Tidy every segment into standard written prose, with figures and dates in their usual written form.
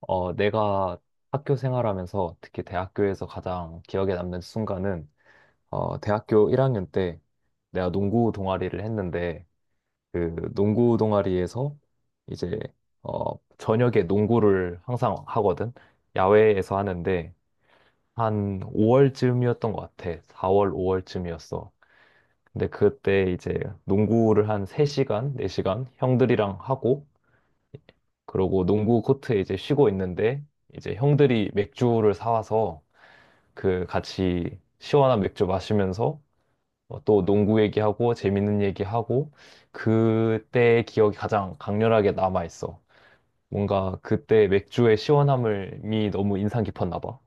내가 학교 생활하면서 특히 대학교에서 가장 기억에 남는 순간은 대학교 1학년 때 내가 농구 동아리를 했는데 그 농구 동아리에서 이제 저녁에 농구를 항상 하거든. 야외에서 하는데 한 5월쯤이었던 것 같아. 4월, 5월쯤이었어. 근데 그때 이제 농구를 한 3시간, 4시간 형들이랑 하고 그러고 농구 코트에 이제 쉬고 있는데 이제 형들이 맥주를 사와서 그 같이 시원한 맥주 마시면서 또 농구 얘기하고 재밌는 얘기하고 그때의 기억이 가장 강렬하게 남아 있어. 뭔가 그때 맥주의 시원함이 너무 인상 깊었나 봐.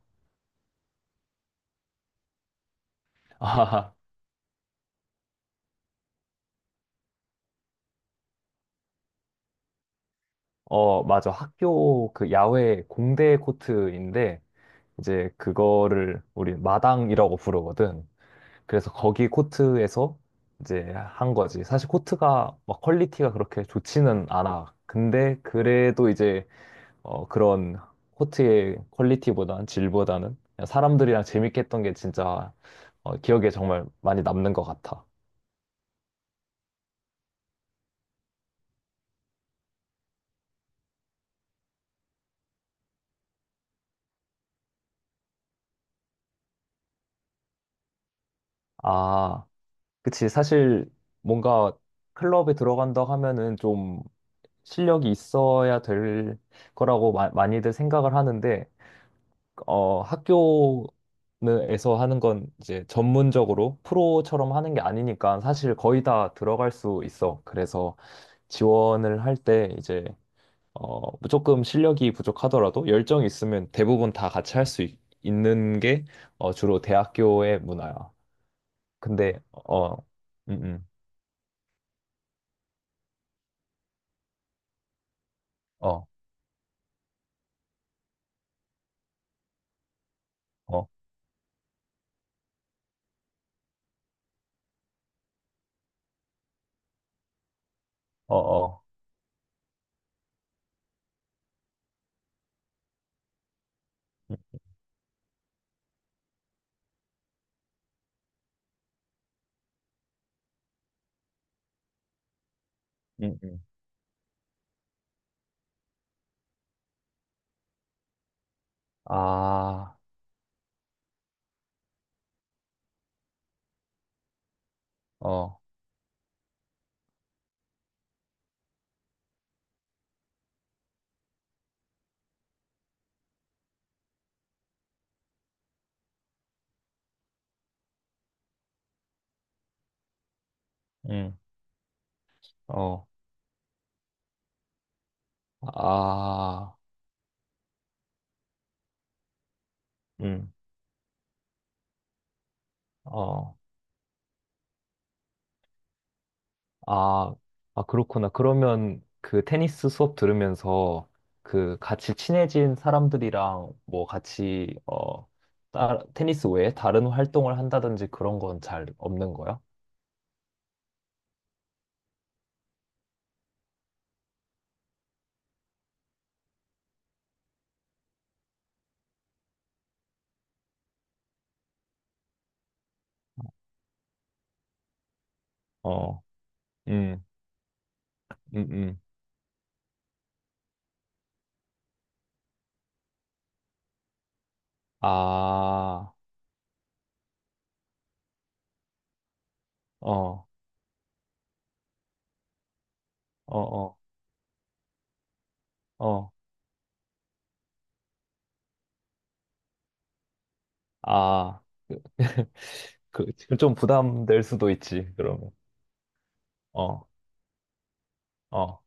아, 맞아. 학교 그 야외 공대 코트인데 이제 그거를 우리 마당이라고 부르거든. 그래서 거기 코트에서 이제 한 거지. 사실 코트가 막 퀄리티가 그렇게 좋지는 않아. 근데 그래도 이제 그런 코트의 퀄리티보단 질보다는 그냥 사람들이랑 재밌게 했던 게 진짜 기억에 정말 많이 남는 것 같아. 아, 그치. 사실 뭔가 클럽에 들어간다 하면은 좀 실력이 있어야 될 거라고 많이들 생각을 하는데 학교에서 하는 건 이제 전문적으로 프로처럼 하는 게 아니니까 사실 거의 다 들어갈 수 있어. 그래서 지원을 할 때 이제 어, 조금 실력이 부족하더라도 열정이 있으면 대부분 다 같이 할 수 있는 게 주로 대학교의 문화야. 근데 어, 음, 음, 어, 어, 어, 어, 음, 음, 음. 아, 어, 음, 어, 아, 음, 어. 아, 아, 그렇구나. 그러면 그 테니스 수업 들으면서 그 같이 친해진 사람들이랑 뭐 같이, 테니스 외에 다른 활동을 한다든지 그런 건 잘 없는 거야? 어, 음, 음, 음. 아, 어, 어, 어, 어. 아, 지금 좀 부담될 수도 있지, 그러면. 어, 어,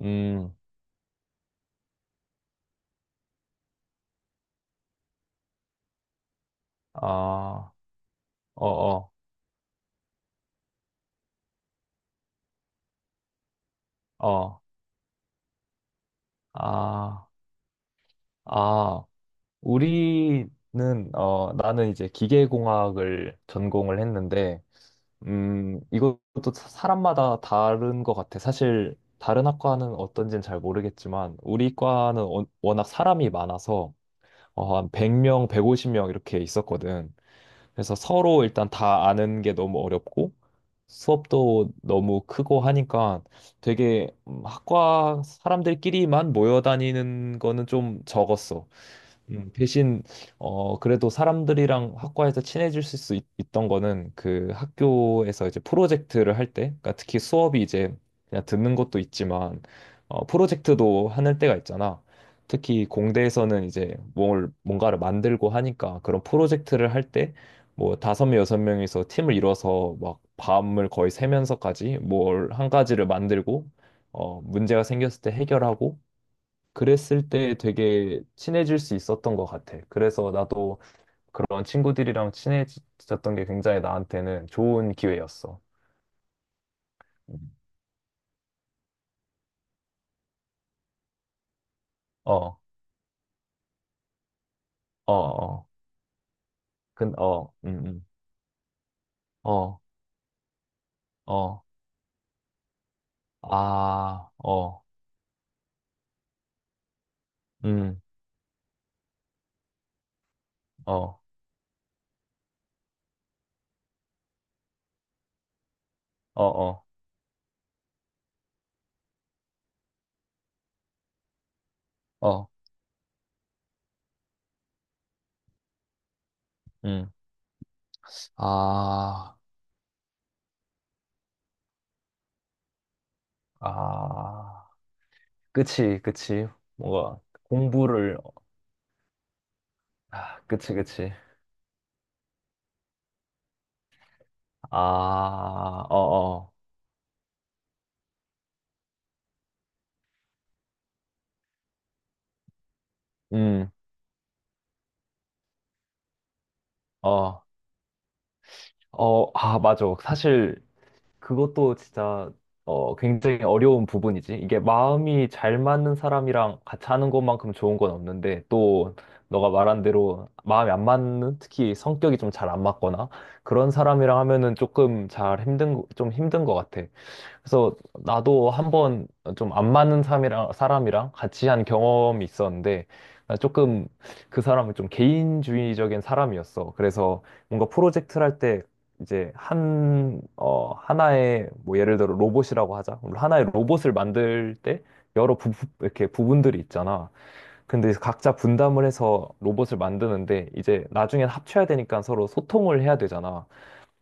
음, 아, 어, 어, 어, 아, 아. 우리는 나는 이제 기계공학을 전공을 했는데 이것도 사람마다 다른 것 같아. 사실 다른 학과는 어떤지는 잘 모르겠지만 우리 과는 워낙 사람이 많아서 한 100명, 150명 이렇게 있었거든. 그래서 서로 일단 다 아는 게 너무 어렵고 수업도 너무 크고 하니까 되게 학과 사람들끼리만 모여 다니는 거는 좀 적었어. 대신 그래도 사람들이랑 학과에서 친해질 수 있 던 거는 그 학교에서 이제 프로젝트를 할 때, 그러니까 특히 수업이 이제 그냥 듣는 것도 있지만 프로젝트도 하는 때가 있잖아. 특히 공대에서는 이제 뭘 뭔가를 만들고 하니까 그런 프로젝트를 할 때 뭐 다섯 명 여섯 명이서 팀을 이뤄서 막 밤을 거의 새면서까지 뭘 한 가지를 만들고 문제가 생겼을 때 해결하고 그랬을 때 되게 친해질 수 있었던 것 같아. 그래서 나도 그런 친구들이랑 친해졌던 게 굉장히 나한테는 좋은 기회였어. 음. 어, 어, 어, 어, 어, 어, 아, 어, 음, 어, 어, 어, 어, 음, 아, 아, 그치, 그치. 뭔가 공부를, 아, 그치, 그치. 아, 어, 어, 음, 어. 맞아. 사실 그것도 진짜 굉장히 어려운 부분이지. 이게 마음이 잘 맞는 사람이랑 같이 하는 것만큼 좋은 건 없는데 또 너가 말한 대로 마음이 안 맞는 특히 성격이 좀 잘 안 맞거나 그런 사람이랑 하면은 조금 잘 힘든 거- 좀 힘든 것 같아. 그래서 나도 한번 좀 안 맞는 사람이랑 같이 한 경험이 있었는데, 나 조금 그 사람은 좀 개인주의적인 사람이었어. 그래서 뭔가 프로젝트를 할 때 이제 하나의, 뭐 예를 들어 로봇이라고 하자. 그럼 하나의 로봇을 만들 때 여러 이렇게 부분들이 있잖아. 근데 각자 분담을 해서 로봇을 만드는데 이제 나중엔 합쳐야 되니까 서로 소통을 해야 되잖아.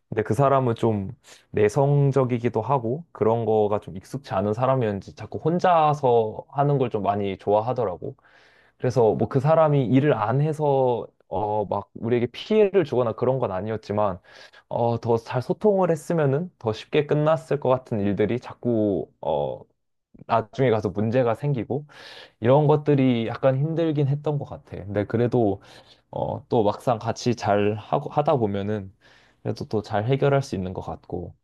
근데 그 사람은 좀 내성적이기도 하고 그런 거가 좀 익숙치 않은 사람이었는지 자꾸 혼자서 하는 걸 좀 많이 좋아하더라고. 그래서 뭐 그 사람이 일을 안 해서 막 우리에게 피해를 주거나 그런 건 아니었지만 더 잘 소통을 했으면은 더 쉽게 끝났을 것 같은 일들이 자꾸 나중에 가서 문제가 생기고 이런 것들이 약간 힘들긴 했던 것 같아. 근데 그래도 또 막상 같이 잘 하고 하다 보면은 그래도 또 잘 해결할 수 있는 것 같고.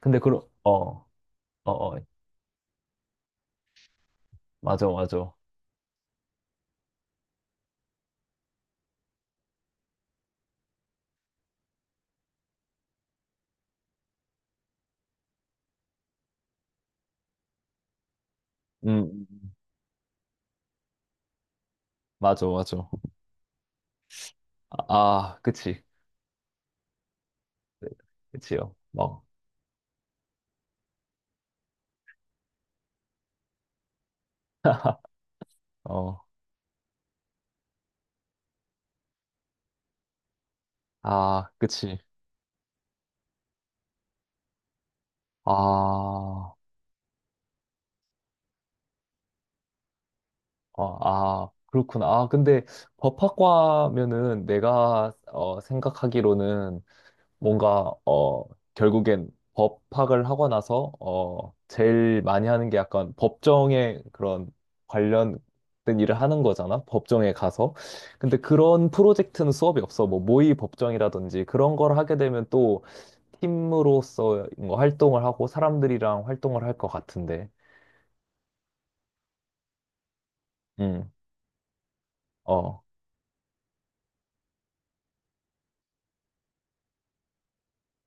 근데 그런 어어어 맞아 맞아 음 음. 맞아 맞아 아, 아, 그치 그치요 막어아 그치 아, 어, 아, 그렇구나. 아, 근데 법학과면은 내가 생각하기로는 뭔가 결국엔 법 파악을 하고 나서 제일 많이 하는 게 약간 법정에 그런 관련된 일을 하는 거잖아. 법정에 가서. 근데 그런 프로젝트는 수업이 없어. 뭐 모의 법정이라든지 그런 걸 하게 되면 또 팀으로서 뭔가 활동을 하고 사람들이랑 활동을 할 것 같은데. 음. 어.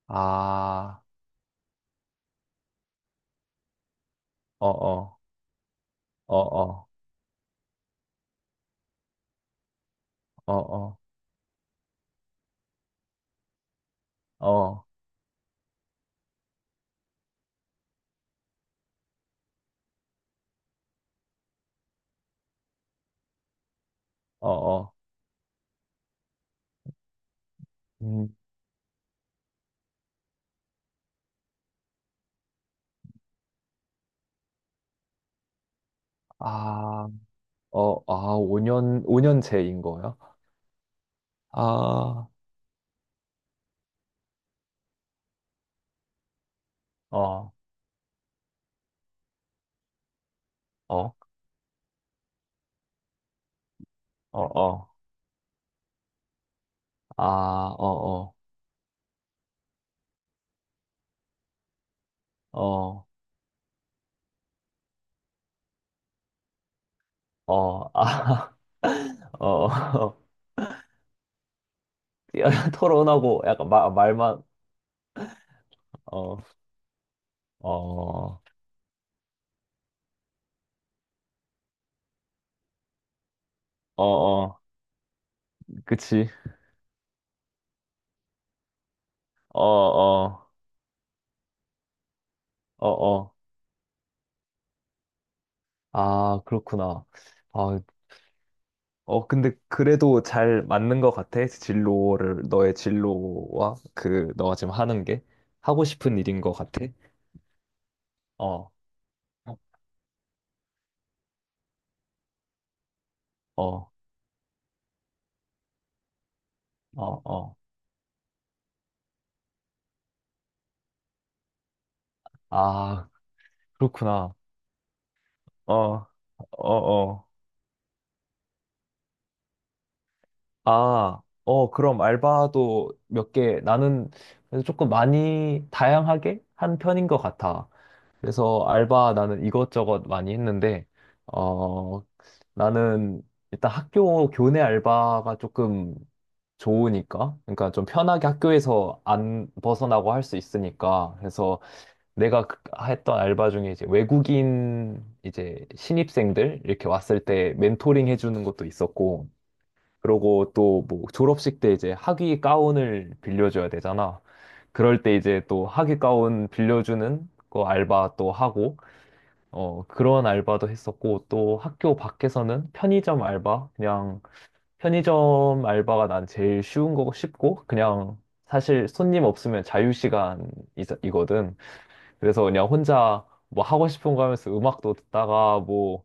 아. 어 어. 어 어. 어 어. 어 어. 어 어. 음. 아. 5년, 5년제인 거예요? 아, 어, 어, 어, 어, 아, 어, 어, 어, 어, 아, 어, 어. 토론하고 약간 말만, 어, 어, 어, 어, 그치, 어, 어, 어, 어, 아, 그렇구나. 아, 근데 그래도 잘 맞는 것 같아. 너의 진로와 너가 지금 하는 게 하고 싶은 일인 것 같아. 어, 어, 어, 어. 아, 그렇구나. 어, 어, 어. 아, 어, 그럼 알바도 몇 개, 나는 그래 조금 많이 다양하게 한 편인 것 같아. 그래서 알바 나는 이것저것 많이 했는데, 어, 나는 일단 학교 교내 알바가 조금 좋으니까, 그러니까 좀 편하게 학교에서 안 벗어나고 할 수 있으니까, 그래서 내가 했던 알바 중에 이제 외국인 이제 신입생들 이렇게 왔을 때 멘토링 해주는 것도 있었고, 그러고 또 뭐 졸업식 때 이제 학위 가운을 빌려줘야 되잖아. 그럴 때 이제 또 학위 가운 빌려주는 거 알바 또 하고, 그런 알바도 했었고, 또 학교 밖에서는 편의점 알바, 그냥 편의점 알바가 난 제일 쉬운 거고 쉽고, 그냥 사실 손님 없으면 자유시간이거든. 그래서 그냥 혼자 뭐 하고 싶은 거 하면서 음악도 듣다가 뭐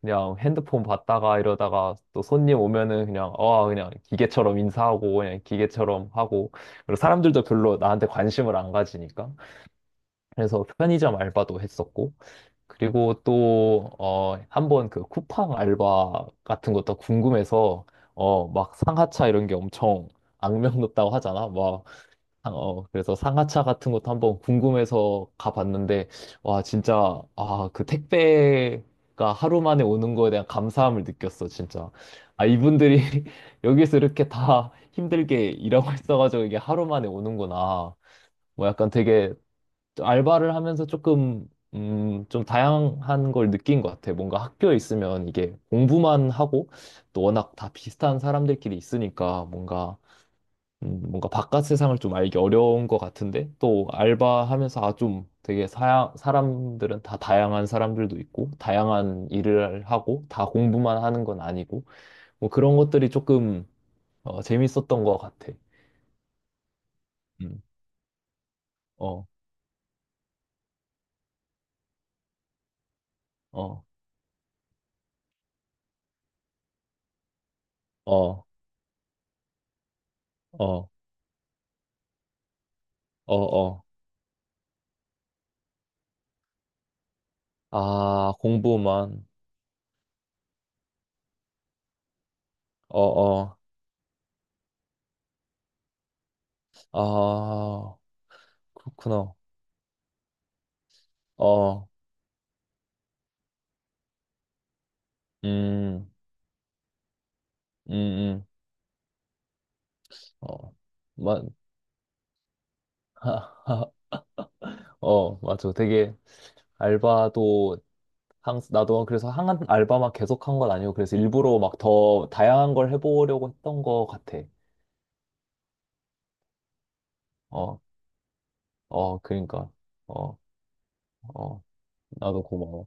그냥 핸드폰 봤다가 이러다가 또 손님 오면은 그냥 그냥 기계처럼 인사하고 그냥 기계처럼 하고 그리고 사람들도 별로 나한테 관심을 안 가지니까 그래서 편의점 알바도 했었고 그리고 또 한번 그 쿠팡 알바 같은 것도 궁금해서 막 상하차 이런 게 엄청 악명 높다고 하잖아 그래서 상하차 같은 것도 한번 궁금해서 가봤는데, 와, 진짜, 아, 그 택배가 하루 만에 오는 거에 대한 감사함을 느꼈어, 진짜. 아, 이분들이 여기서 이렇게 다 힘들게 일하고 있어가지고 이게 하루 만에 오는구나. 뭐 약간 되게 알바를 하면서 좀 다양한 걸 느낀 것 같아. 뭔가 학교에 있으면 이게 공부만 하고, 또 워낙 다 비슷한 사람들끼리 있으니까 뭔가 바깥 세상을 좀 알기 어려운 것 같은데 또 알바하면서 아 좀 되게 사람들은 다 다양한 사람들도 있고 다양한 일을 하고 다 공부만 하는 건 아니고 뭐 그런 것들이 조금 재밌었던 것 같아. 음, 어, 어, 어, 어, 어, 어. 아, 공부만. 어, 어. 아, 그렇구나. 어, 음, 음, 음. 어, 만, 어, 맞아. 되게 알바도 항 나도 그래서 한 알바 막 계속 한 건 아니고 그래서 일부러 막 더 다양한 걸 해보려고 했던 거 같아. 어, 어, 그러니까. 어, 어, 나도 고마워.